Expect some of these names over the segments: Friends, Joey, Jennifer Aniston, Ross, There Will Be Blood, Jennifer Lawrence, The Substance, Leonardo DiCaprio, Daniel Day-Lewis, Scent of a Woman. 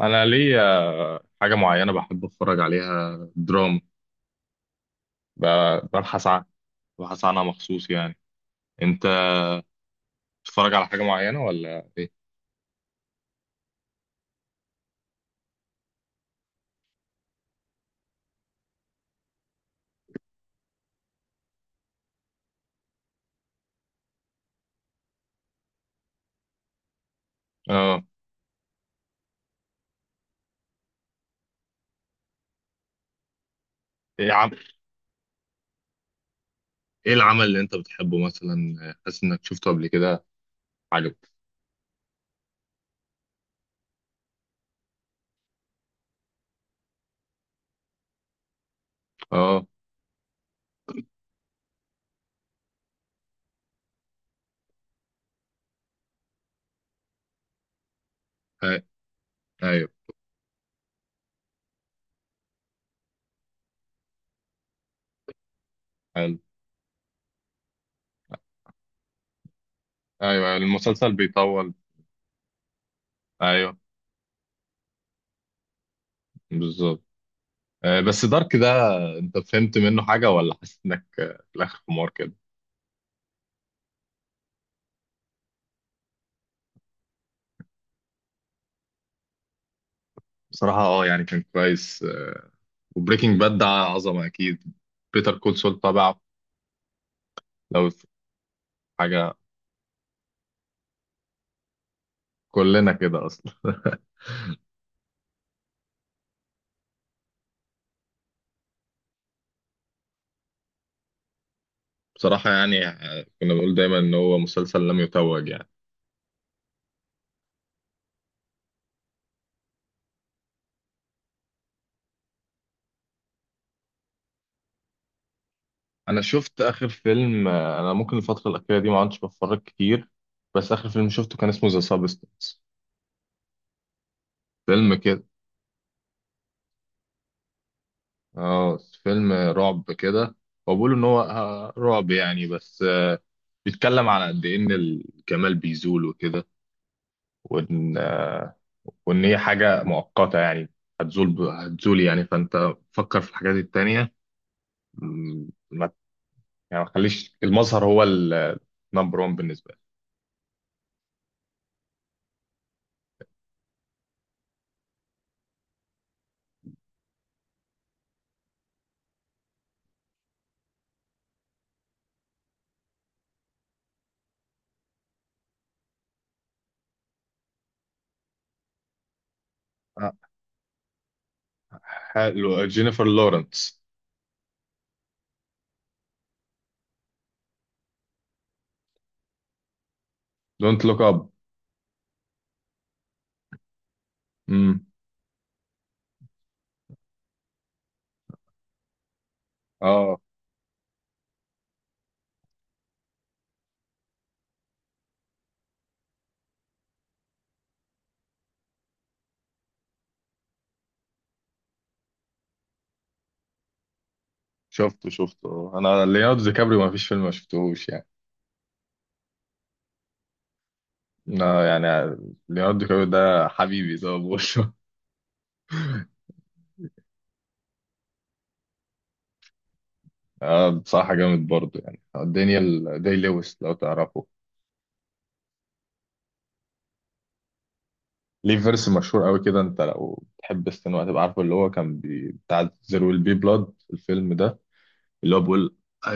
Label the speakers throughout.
Speaker 1: انا ليا حاجه معينه بحب اتفرج عليها دراما. ببحث عنها. ببحث عنها مخصوص يعني. انت بتتفرج على حاجه معينه ولا ايه؟ اه، ايه ايه العمل اللي انت بتحبه مثلا؟ حاسس انك شفته قبل كده؟ عجبك؟ اه. أي- ايوه. حلو. ايوه، المسلسل بيطول. ايوه بالظبط. آه، بس دارك ده انت فهمت منه حاجه، ولا حاسس انك في الاخر حمار كده؟ بصراحه اه يعني كان كويس. وبريكنج باد ده عظمه اكيد. بيتر كول سول طبعا. لو حاجة. كلنا كده أصلا. بصراحة يعني كنا بنقول دايما إن هو مسلسل لم يتوج يعني. أنا شفت آخر فيلم، أنا ممكن الفترة الأخيرة دي ما عدتش بتفرج كتير. بس آخر فيلم شفته كان اسمه ذا سابستنس، فيلم كده. اه، فيلم رعب كده. هو بيقولوا إن هو رعب يعني، بس بيتكلم على قد إيه إن الجمال بيزول وكده، وإن وإن هي حاجة مؤقتة يعني، هتزول هتزول يعني، فأنت فكر في الحاجات التانية. ما يعني ما تخليش المظهر هو النمبر 1 بالنسبه لي. آه، حلو، جينيفر لورنس. دونت لوك اب. امم. اه شفته شفته. انا ليوناردو دي كابريو ما فيش فيلم ما شفتهوش يعني. انا يعني ليوناردو دي كابريو ده حبيبي زي ما بقول. اه بصراحه جامد برضه يعني. دانيال داي لويس لو تعرفه. ليه فيرس مشهور قوي كده. انت لو تحب السينما هتبقى عارفه، اللي هو كان بتاع زير ويل بي بلاد الفيلم ده، اللي هو بيقول I,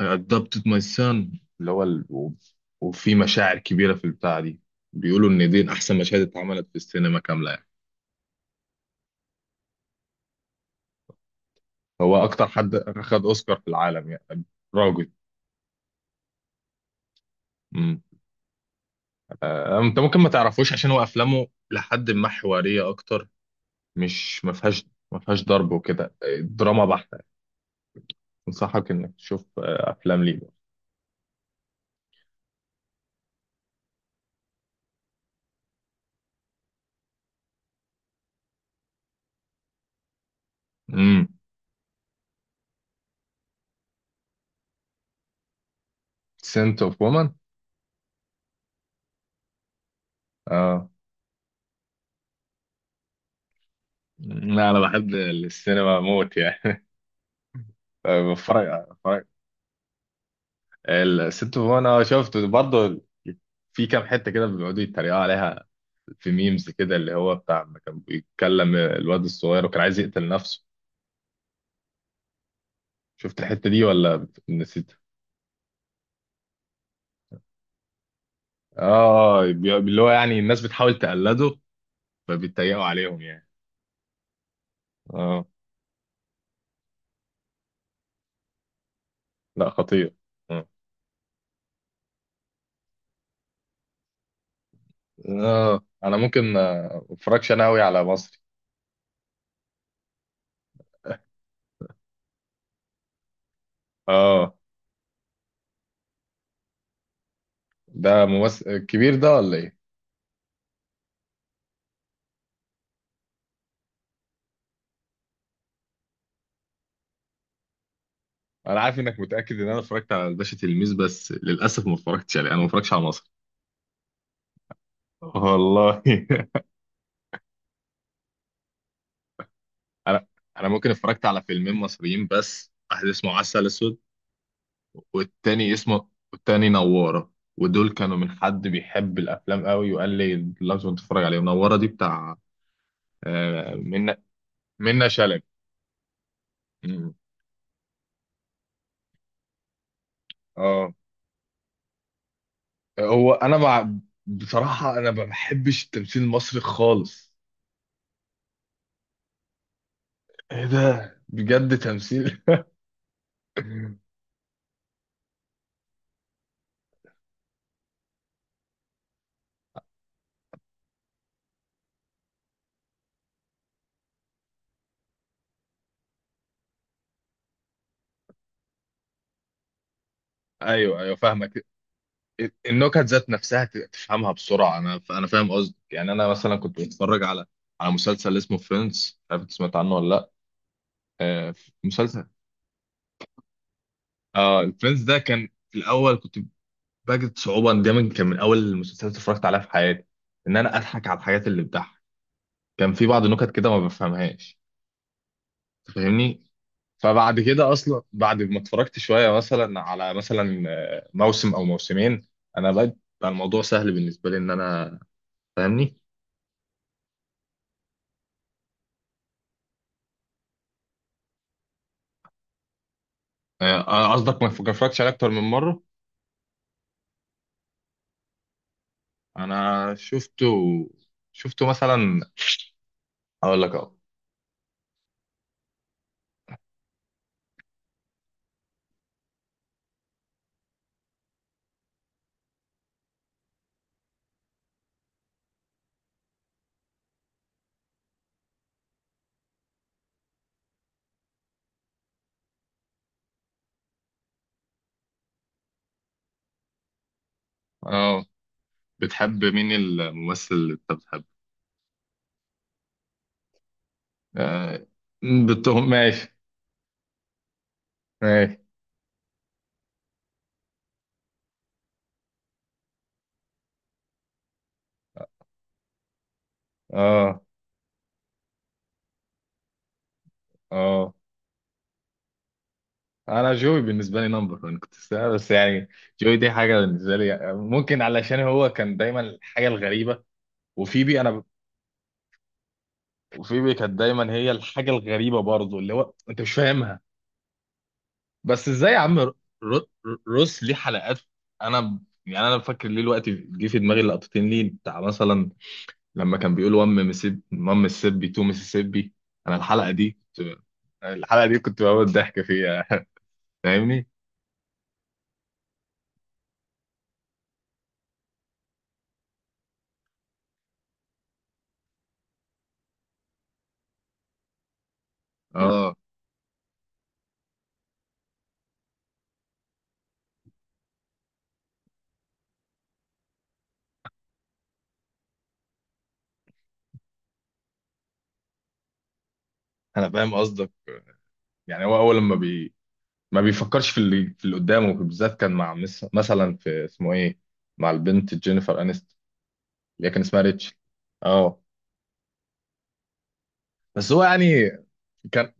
Speaker 1: I adopted my son، اللي هو وفي مشاعر كبيرة في البتاعة دي. بيقولوا إن دي أحسن مشاهد اتعملت في السينما كاملة يعني. هو أكتر حد أخد أوسكار في العالم يعني. راجل. مم. أنت ممكن ما تعرفوش عشان هو أفلامه لحد ما حوارية أكتر، مش ما فيهاش، ما فيهاش ضرب وكده، دراما بحتة. أنصحك إنك تشوف أفلام ليه. امم. سنت اوف وومن. اه لا انا بحب السينما موت يعني. بتفرج. الست فوفانا شفته برضه، في كام حته كده بيقعدوا يتريقوا عليها، في ميمز كده اللي هو بتاع ما كان بيتكلم الواد الصغير وكان عايز يقتل نفسه. شفت الحته دي ولا نسيت؟ اه اللي هو يعني الناس بتحاول تقلده، فبيتريقوا عليهم يعني. اه. لا خطير. اه. آه، انا ممكن ما اتفرجش انا قوي على مصري. اه. ده ممثل كبير ده ولا ايه؟ انا عارف انك متاكد ان انا اتفرجت على الباشا تلميذ، بس للاسف ما اتفرجتش عليه، انا ما اتفرجش على مصري. والله. انا انا ممكن اتفرجت على فيلمين مصريين بس، واحد اسمه عسل اسود، والتاني اسمه، والتاني نوارة. ودول كانوا من حد بيحب الافلام قوي وقال لي لازم تتفرج عليهم. نوارة دي بتاع آه، منة منة شلبي. مم. اه. هو انا مع بصراحة انا ما بحبش التمثيل المصري خالص. ايه ده بجد تمثيل. ايوه ايوه فاهمك. النكت ذات نفسها تفهمها بسرعه. انا فاهم قصدك يعني. انا مثلا كنت بتفرج على مسلسل اسمه فريندز، عارف انت سمعت عنه ولا لا؟ آه. مسلسل. اه الفريندز ده كان في الاول كنت بجد صعوبه، إن ده من كان من اول المسلسلات اللي اتفرجت عليها في حياتي، ان انا اضحك على الحاجات اللي بتضحك. كان في بعض النكت كده ما بفهمهاش، فاهمني. فبعد كده اصلا بعد ما اتفرجت شويه مثلا على مثلا موسم او موسمين، انا بقى بقى الموضوع سهل بالنسبه لي ان انا، فاهمني. آه، قصدك ما اتفرجتش عليه اكتر من مره. انا شفته، شفته مثلا، اقول لك اه. اه. بتحب مين، الممثل اللي انت بتحبه؟ آه، بتهم ماشي. ماشي. اه. اه انا جوي بالنسبه لي نمبر، انا بس يعني جوي دي حاجه بالنسبه لي يعني، ممكن علشان هو كان دايما الحاجه الغريبه. وفيبي انا ب- وفيبي كانت دايما هي الحاجه الغريبه برضه، اللي هو انت مش فاهمها. بس ازاي يا عم ر- روس ليه حلقات. انا يعني انا فاكر ليه الوقت جه في دماغي لقطتين ليه، بتاع مثلا لما كان بيقول وام مسيب مام مسيبي تو مسيسيبي. انا الحلقه دي كنت- الحلقه دي كنت بموت ضحك فيها. فاهمني. اه انا فاهم قصدك. يعني هو اول لما بي ما بيفكرش في اللي في اللي قدامه، بالذات كان مع مثلا في اسمه ايه، مع البنت جينيفر انست، اللي هي كان اسمها ريتش. اه. بس هو يعني كان.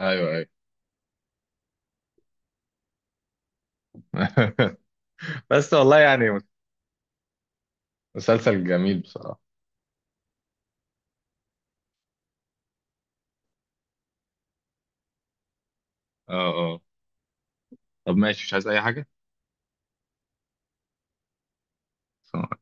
Speaker 1: ايوه ايوه. بس والله يعني مسلسل جميل بصراحة. اه. اه طب ماشي مش عايز اي حاجه. ف-